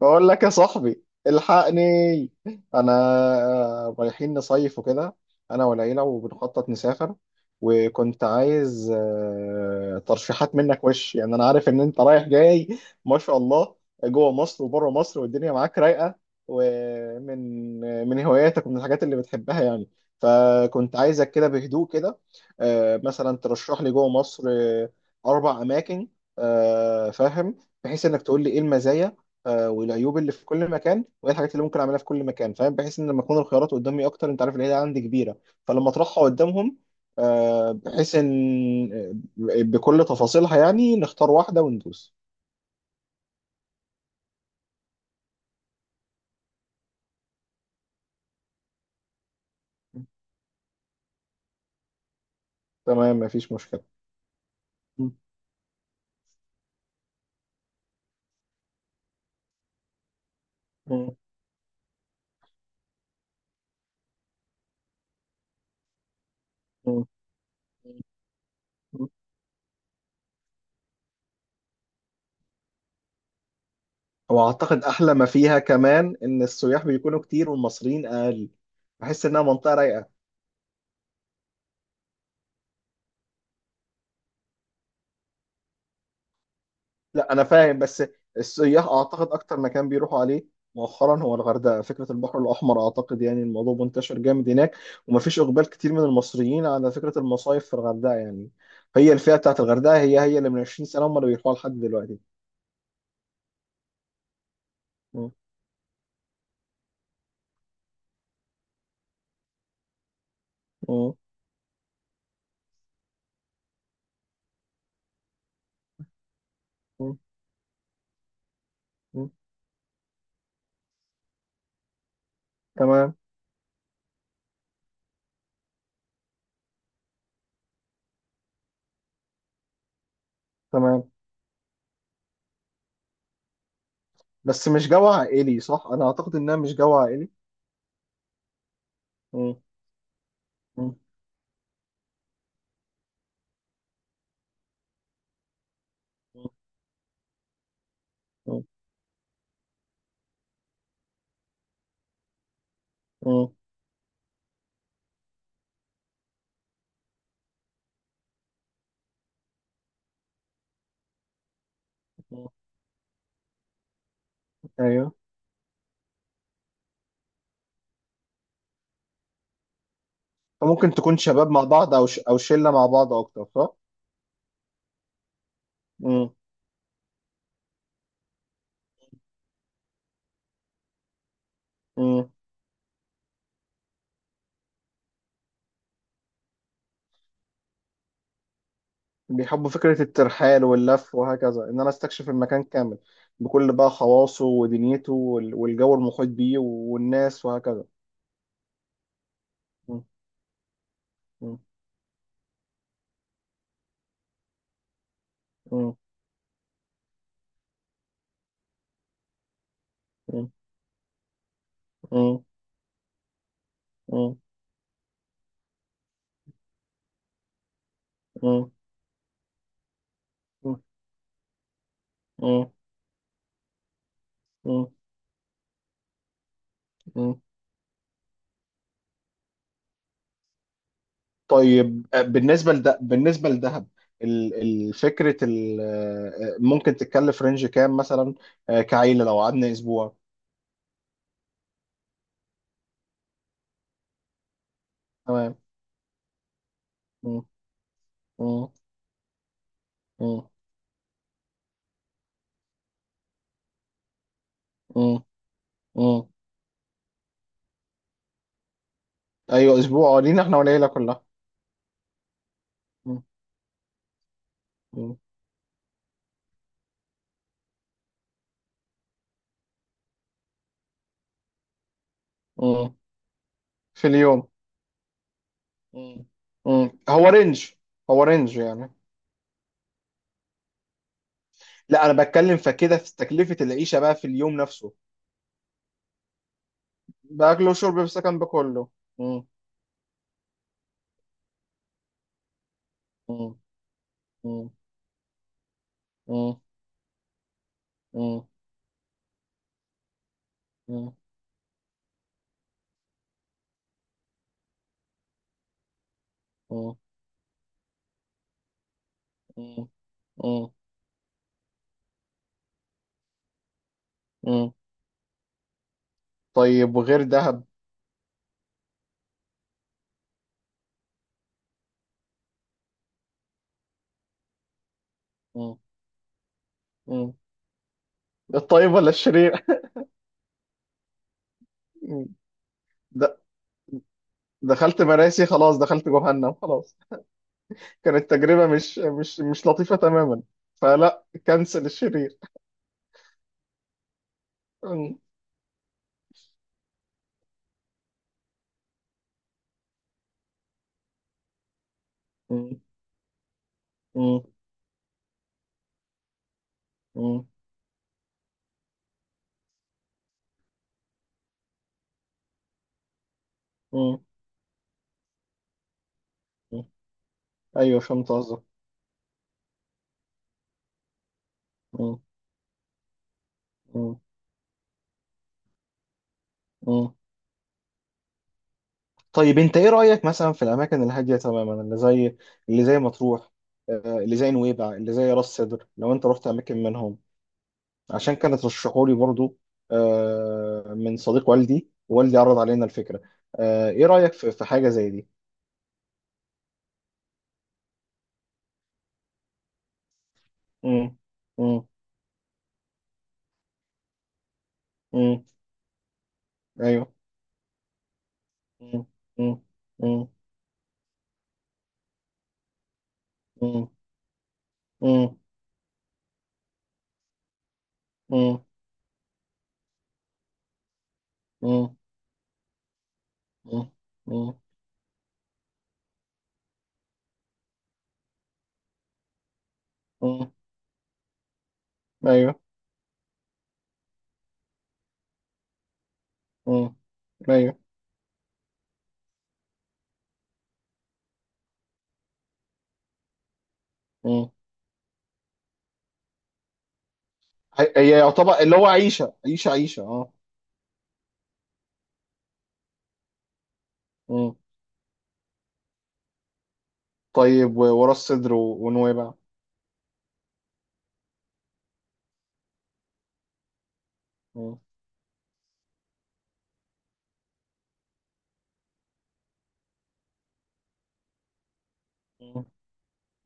بقول لك يا صاحبي الحقني. انا رايحين نصيف وكده، انا والعيله، وبنخطط نسافر. وكنت عايز ترشيحات منك وش، يعني انا عارف ان انت رايح جاي ما شاء الله جوه مصر وبره مصر والدنيا معاك رايقه، ومن هواياتك ومن الحاجات اللي بتحبها يعني. فكنت عايزك كده بهدوء كده مثلا ترشح لي جوه مصر اربع اماكن. فاهم، بحيث انك تقول لي ايه المزايا والعيوب اللي في كل مكان، وايه الحاجات اللي ممكن اعملها في كل مكان، فاهم، بحيث ان لما تكون الخيارات قدامي اكتر، انت عارف العيله عندي كبيره، فلما اطرحها قدامهم آه، بحيث ان آه، بكل تفاصيلها يعني نختار واحده وندوس. تمام، مفيش مشكله. م-. م-. م-. م. واعتقد احلى ما فيها كمان ان السياح بيكونوا كتير والمصريين اقل، بحس انها منطقه رايقه. لا انا فاهم، بس السياح اعتقد اكتر مكان بيروحوا عليه مؤخرا هو الغردقه. فكره البحر الاحمر اعتقد يعني الموضوع منتشر جامد هناك، ومفيش اقبال كتير من المصريين على فكره المصايف في الغردقه يعني. هي الفئه بتاعت الغردقه هي اللي من 20 سنه هم اللي بيروحوا لحد دلوقتي. م-. م-. م-. م. تمام تمام، بس مش جو عائلي صح؟ انا اعتقد انها مش جو عائلي. م-. م-. م-. م-. م. ايوه، فممكن تكون شباب مع بعض، او شله مع بعض اكتر صح؟ م-. م. بيحبوا فكرة الترحال واللف وهكذا، إن أنا أستكشف المكان كامل بكل بقى خواصه ودنيته والجو المحيط بيه والناس وهكذا. م-. م-. م-. م-. م-. م-. م-. م-. م-. م. طيب بالنسبة لده، بالنسبة لدهب ال- الفكرة ال- آه، ممكن تتكلف رينج كام مثلا كعيلة لو قعدنا أسبوع؟ تمام. م-. م-. م-. م-. م. أيوه، أسبوع لينا إحنا والعيلة كلها. م-. مم. في اليوم؟ مم. مم. هو رينج، هو رينج يعني؟ لا انا بتكلم فكده في تكلفة العيشة بقى في اليوم نفسه، باكل وشرب بسكن بكله. مم. مم. مم. مم. مم. مم. مم. مم. مم. مم. طيب، وغير دهب؟ مم. مم. الطيب ولا الشرير؟ مم. د- دخلت مراسي خلاص، دخلت جهنم خلاص، كانت تجربة مش لطيفة تماما. فلا، كنسل الشرير. مم. مم. مم. مم. مم. ايوه، فهمت قصدك. مم. مم. مم. طيب انت ايه رأيك مثلا في الاماكن الهادية تماما اللي زي، اللي زي مطروح، اللي زي نويبع، اللي زي راس سدر؟ لو انت رحت اماكن منهم، عشان كانت رشحوا لي برضو من صديق والدي، والدي عرض علينا الفكرة. ايه رأيك في حاجة زي دي؟ مم. مم. مم. ايوه. مم. مم. مم. مم. مم. مم. مم. مم. مم. ايوه. مم. ايوه، هي هي يعتبر اللي هو عيشة عيشة اه. مم. طيب، وراس الصدر ونويبع؟ مم. مم.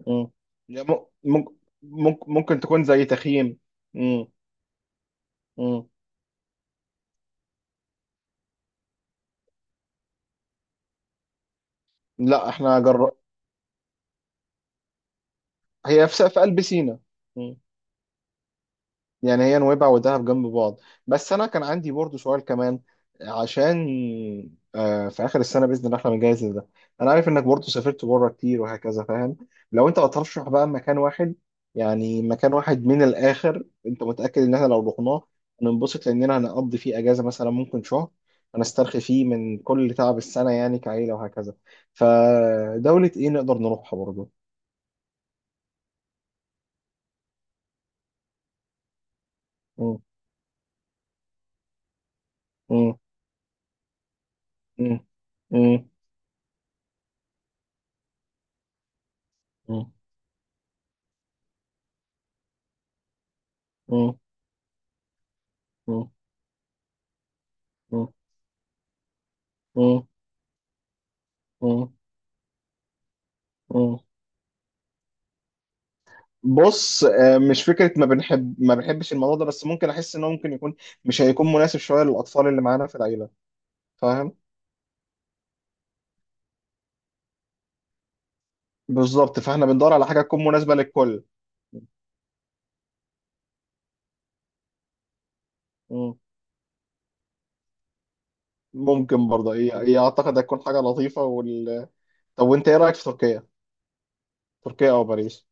مم. يا ممكن، ممكن تكون زي تخييم. مم. مم. لا احنا جر... هي في قلب سينا، يعني هي نويبع ودهب جنب بعض. بس انا كان عندي برضو سؤال كمان، عشان في اخر السنه باذن الله احنا بنجهز لده. انا عارف انك برضو سافرت بره كتير وهكذا، فاهم، لو انت هترشح بقى مكان واحد، يعني مكان واحد من الاخر انت متاكد ان احنا لو رحناه هننبسط لاننا هنقضي فيه اجازه مثلا ممكن شهر، هنسترخي فيه من كل تعب السنه يعني كعيله وهكذا، فدوله ايه نقدر نروحها برضو؟ مم. مم. مم. مم. مم. مم. مم. مم. مم. مم. بص مش فكرة ما بنحبش الموضوع ده، بس ممكن أحس إنه ممكن يكون مش هيكون مناسب شوية للأطفال اللي معانا في العيلة، فاهم. بالظبط، فإحنا بندور على حاجة تكون مناسبة للكل. مم. ممكن برضه هي أعتقد هتكون حاجة لطيفة وال... طب وأنت إيه رأيك في تركيا؟ تركيا أو باريس؟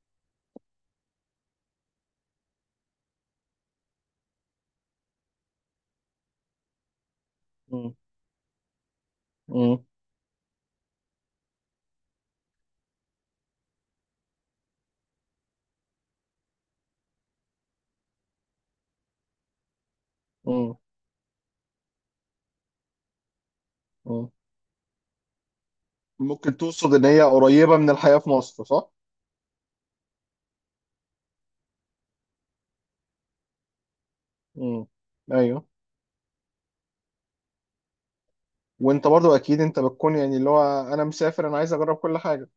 مم. مم. مم. مم. ممكن تقصد إن هي قريبة من الحياة في مصر صح؟ مم. أيوه. وأنت برضه أكيد أنت بتكون يعني اللي هو أنا مسافر، أنا عايز أجرب كل حاجة.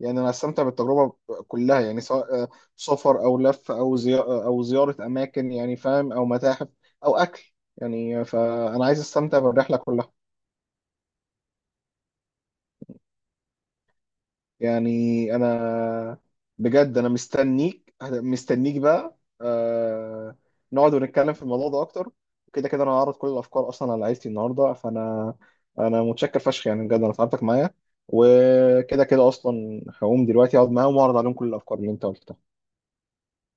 يعني انا استمتع بالتجربه كلها، يعني سواء سفر او لف او زياره اماكن، يعني فاهم، او متاحف او اكل، يعني فانا عايز استمتع بالرحله كلها. يعني انا، بجد انا مستنيك بقى نقعد ونتكلم في الموضوع ده اكتر. كده كده انا هعرض كل الافكار اصلا على عيلتي النهارده، فانا متشكر فشخ يعني، بجد انا تعبتك معايا، وكده كده اصلا هقوم دلوقتي اقعد معاهم واعرض عليهم كل الافكار اللي انت قلتها.